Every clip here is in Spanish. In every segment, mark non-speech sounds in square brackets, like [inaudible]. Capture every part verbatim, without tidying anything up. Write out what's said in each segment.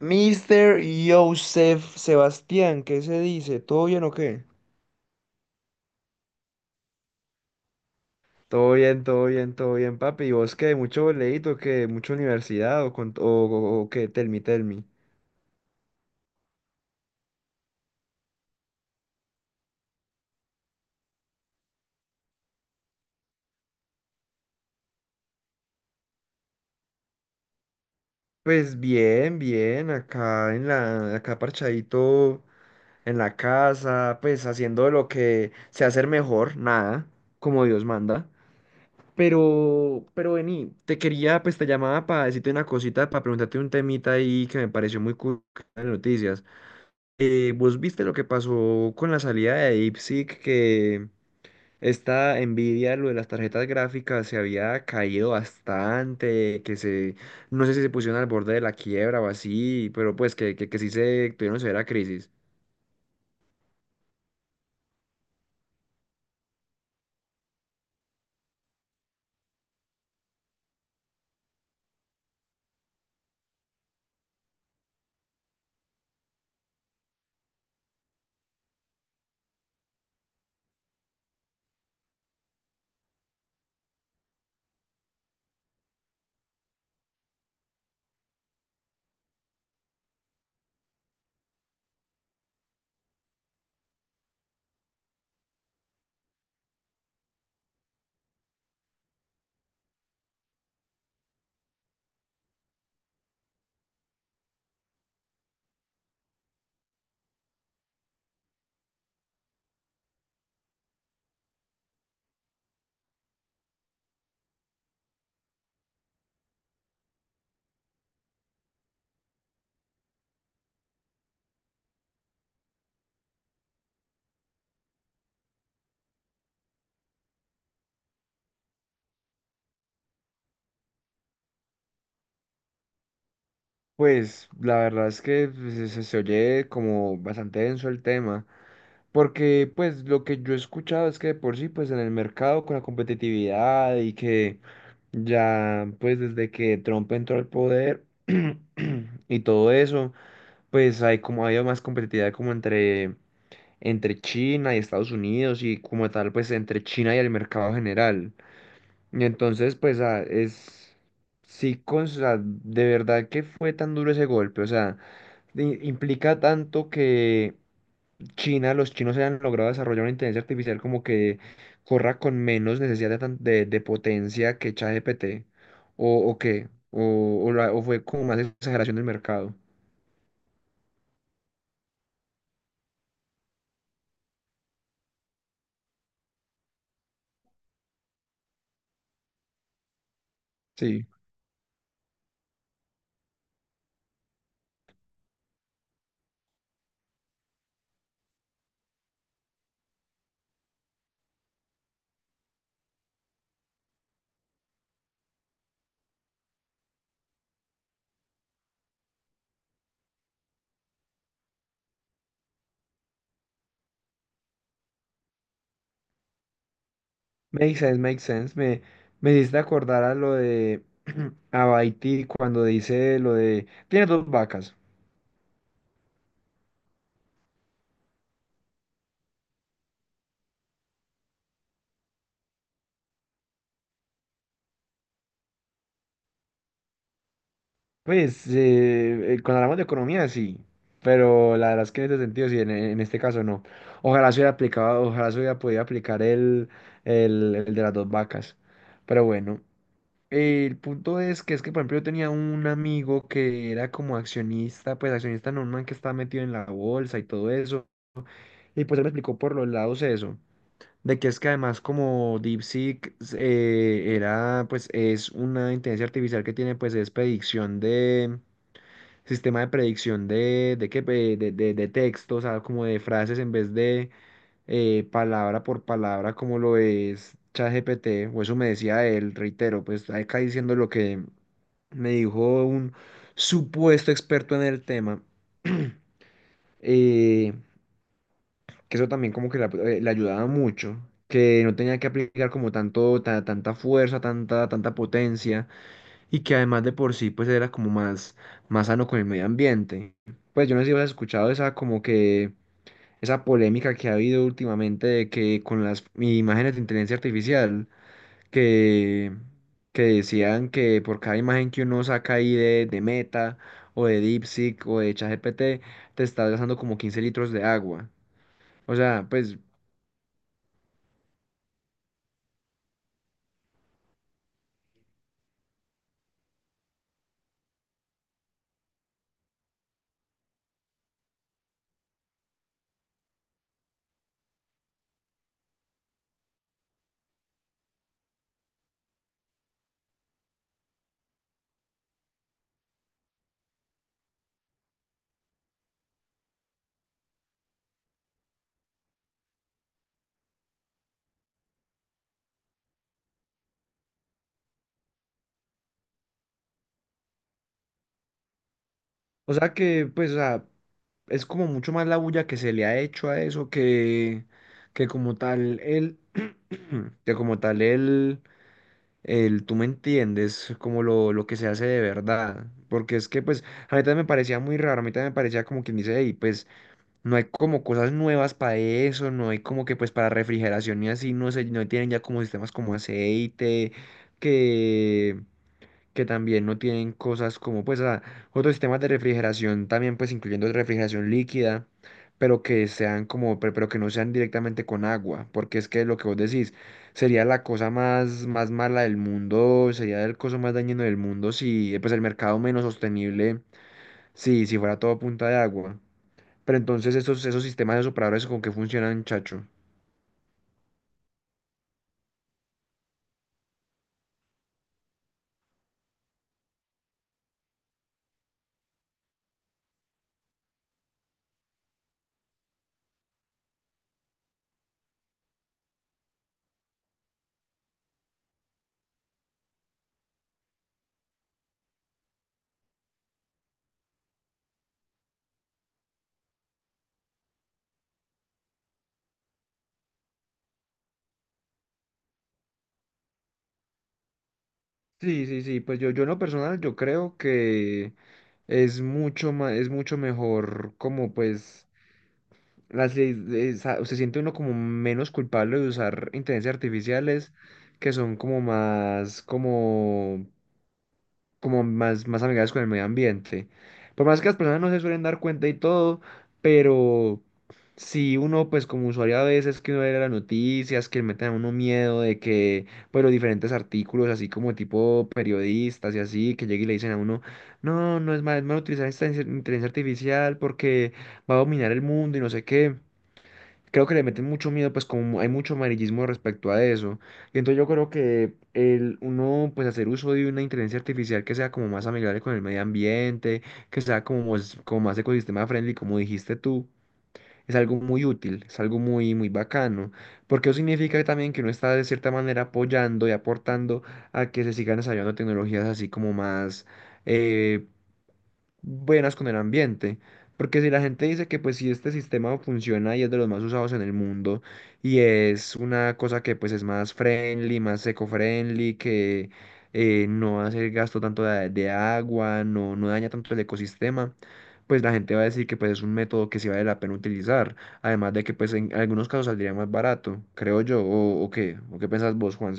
Mister Joseph Sebastián, ¿qué se dice? ¿Todo bien o qué? Todo bien, todo bien, todo bien, papi. ¿Y vos qué? ¿Mucho boleíto? ¿Qué? ¿Mucha universidad? ¿O, con, o, o- o qué? Tell me, tell me. Pues bien, bien. Acá en la, acá parchadito en la casa, pues haciendo lo que sé hacer mejor, nada, como Dios manda. Pero, pero vení, te quería, pues te llamaba para decirte una cosita, para preguntarte un temita ahí que me pareció muy cool en las noticias. Eh, ¿vos viste lo que pasó con la salida de DeepSeek? Que esta Nvidia, lo de las tarjetas gráficas, se había caído bastante, que se, no sé si se pusieron al borde de la quiebra o así, pero pues que, que, que sí se tuvieron severa crisis. Pues la verdad es que pues, se, se se oye como bastante denso el tema, porque pues lo que yo he escuchado es que de por sí pues en el mercado con la competitividad y que ya pues desde que Trump entró al poder [clears throat] y todo eso, pues hay como ha habido más competitividad como entre, entre China y Estados Unidos y como tal pues entre China y el mercado general. Y entonces pues ah, es... Sí, con, o sea, de verdad que fue tan duro ese golpe, o sea i- implica tanto que China, los chinos hayan logrado desarrollar una inteligencia artificial como que corra con menos necesidad de, tan- de- de potencia que ChatGPT, o, o qué, o, o la- o fue como más exageración del mercado. Sí, makes sense, makes sense. Me, me hiciste acordar a lo de [clears throat] Abaiti cuando dice lo de, tiene dos vacas. Pues eh, eh, cuando hablamos de economía sí, pero la verdad es que en este sentido sí, en, en este caso no. Ojalá se hubiera aplicado, ojalá se hubiera podido aplicar el, el, el de las dos vacas. Pero bueno, eh, el punto es que es que, por ejemplo, yo tenía un amigo que era como accionista, pues accionista normal que estaba metido en la bolsa y todo eso. Y pues él me explicó por los lados eso, de que es que además como DeepSeek eh, era, pues es una inteligencia artificial que tiene pues es predicción de sistema de predicción de, de, qué, pe- de, de, de texto, o sea, como de frases en vez de eh, palabra por palabra, como lo es ChatGPT, o eso me decía él, reitero, pues acá diciendo lo que me dijo un supuesto experto en el tema, [clears throat] eh, que eso también como que la- eh, le ayudaba mucho, que no tenía que aplicar como tanto, ta- tanta fuerza, tanta, tanta potencia y que además de por sí, pues era como más, más sano con el medio ambiente. Pues yo no sé si has escuchado esa como que, esa polémica que ha habido últimamente de que con las imágenes de inteligencia artificial, que, que decían que por cada imagen que uno saca ahí de, de Meta, o de DeepSeek, o de ChatGPT, te estás gastando como quince litros de agua. O sea, pues o sea que, pues, o sea, es como mucho más la bulla que se le ha hecho a eso que, que como tal el, [clears throat] que como tal el, el, tú me entiendes, como lo, lo que se hace de verdad. Porque es que, pues, a mí también me parecía muy raro, a mí también me parecía como quien dice, y pues, no hay como cosas nuevas para eso, no hay como que, pues, para refrigeración y así, no sé, no tienen ya como sistemas como aceite, que que también no tienen cosas como pues a- otros sistemas de refrigeración también pues incluyendo refrigeración líquida, pero que sean como pe- pero que no sean directamente con agua, porque es que lo que vos decís sería la cosa más más mala del mundo, sería el coso más dañino del mundo si eh, pues el mercado menos sostenible si si fuera todo a punta de agua. Pero entonces esos esos sistemas de operadores con qué funcionan, chacho. Sí, sí, sí, pues yo, yo en lo personal yo creo que es mucho más, es mucho mejor como pues las, leyes de esa- se siente uno como menos culpable de usar inteligencias artificiales que son como más, como, como más, más amigables con el medio ambiente. Por más que las personas no se suelen dar cuenta y todo, pero si uno, pues como usuario a veces que uno ve las noticias, que le meten a uno miedo de que, pues los diferentes artículos, así como tipo periodistas y así, que llegue y le dicen a uno, no, no es mal, es mal utilizar esta inteligencia artificial porque va a dominar el mundo y no sé qué, creo que le meten mucho miedo, pues como hay mucho amarillismo respecto a eso. Y entonces yo creo que el uno, pues hacer uso de una inteligencia artificial que sea como más amigable con el medio ambiente, que sea como, más- como más ecosistema friendly, como dijiste tú. Es algo muy útil, es algo muy, muy bacano, porque eso significa también que uno está de cierta manera apoyando y aportando a que se sigan desarrollando tecnologías así como más, eh, buenas con el ambiente. Porque si la gente dice que pues si este sistema funciona y es de los más usados en el mundo y es una cosa que pues es más friendly, más eco-friendly, que eh, no hace gasto tanto de, de agua, no, no daña tanto el ecosistema, pues la gente va a decir que pues es un método que sí vale la pena utilizar. Además de que pues en algunos casos saldría más barato, creo yo, o, o qué, o qué pensás vos, Juan.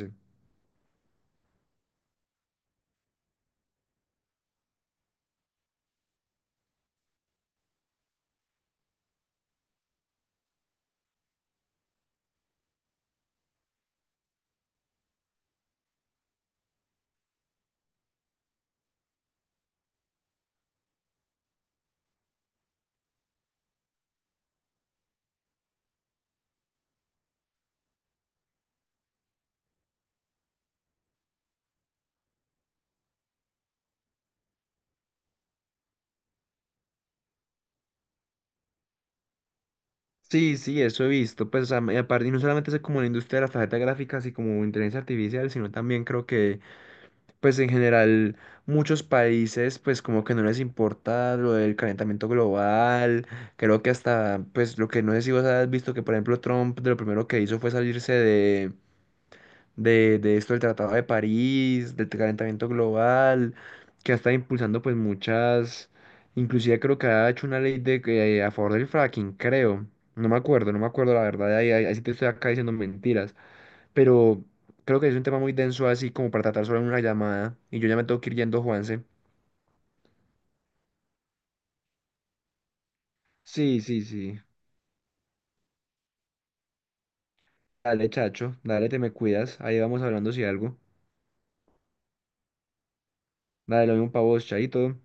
Sí, sí, eso he visto. Pues, a- y aparte, y no solamente es como la industria de las tarjetas gráficas y como inteligencia artificial, sino también creo que, pues, en general, muchos países, pues, como que no les importa lo del calentamiento global. Creo que hasta, pues, lo que no sé si vos has visto que, por ejemplo, Trump, de lo primero que hizo fue salirse de de, de esto del Tratado de París, del calentamiento global, que ha estado impulsando pues muchas, inclusive creo que ha hecho una ley de que eh, a favor del fracking, creo. No me acuerdo, no me acuerdo la verdad, ahí, ahí, ahí sí te estoy acá diciendo mentiras, pero creo que es un tema muy denso así como para tratar solo en una llamada y yo ya me tengo que ir yendo, Juanse. Sí, sí, sí. Dale, chacho, dale, te me cuidas, ahí vamos hablando si algo. Dale, lo mismo pa' vos, chaito.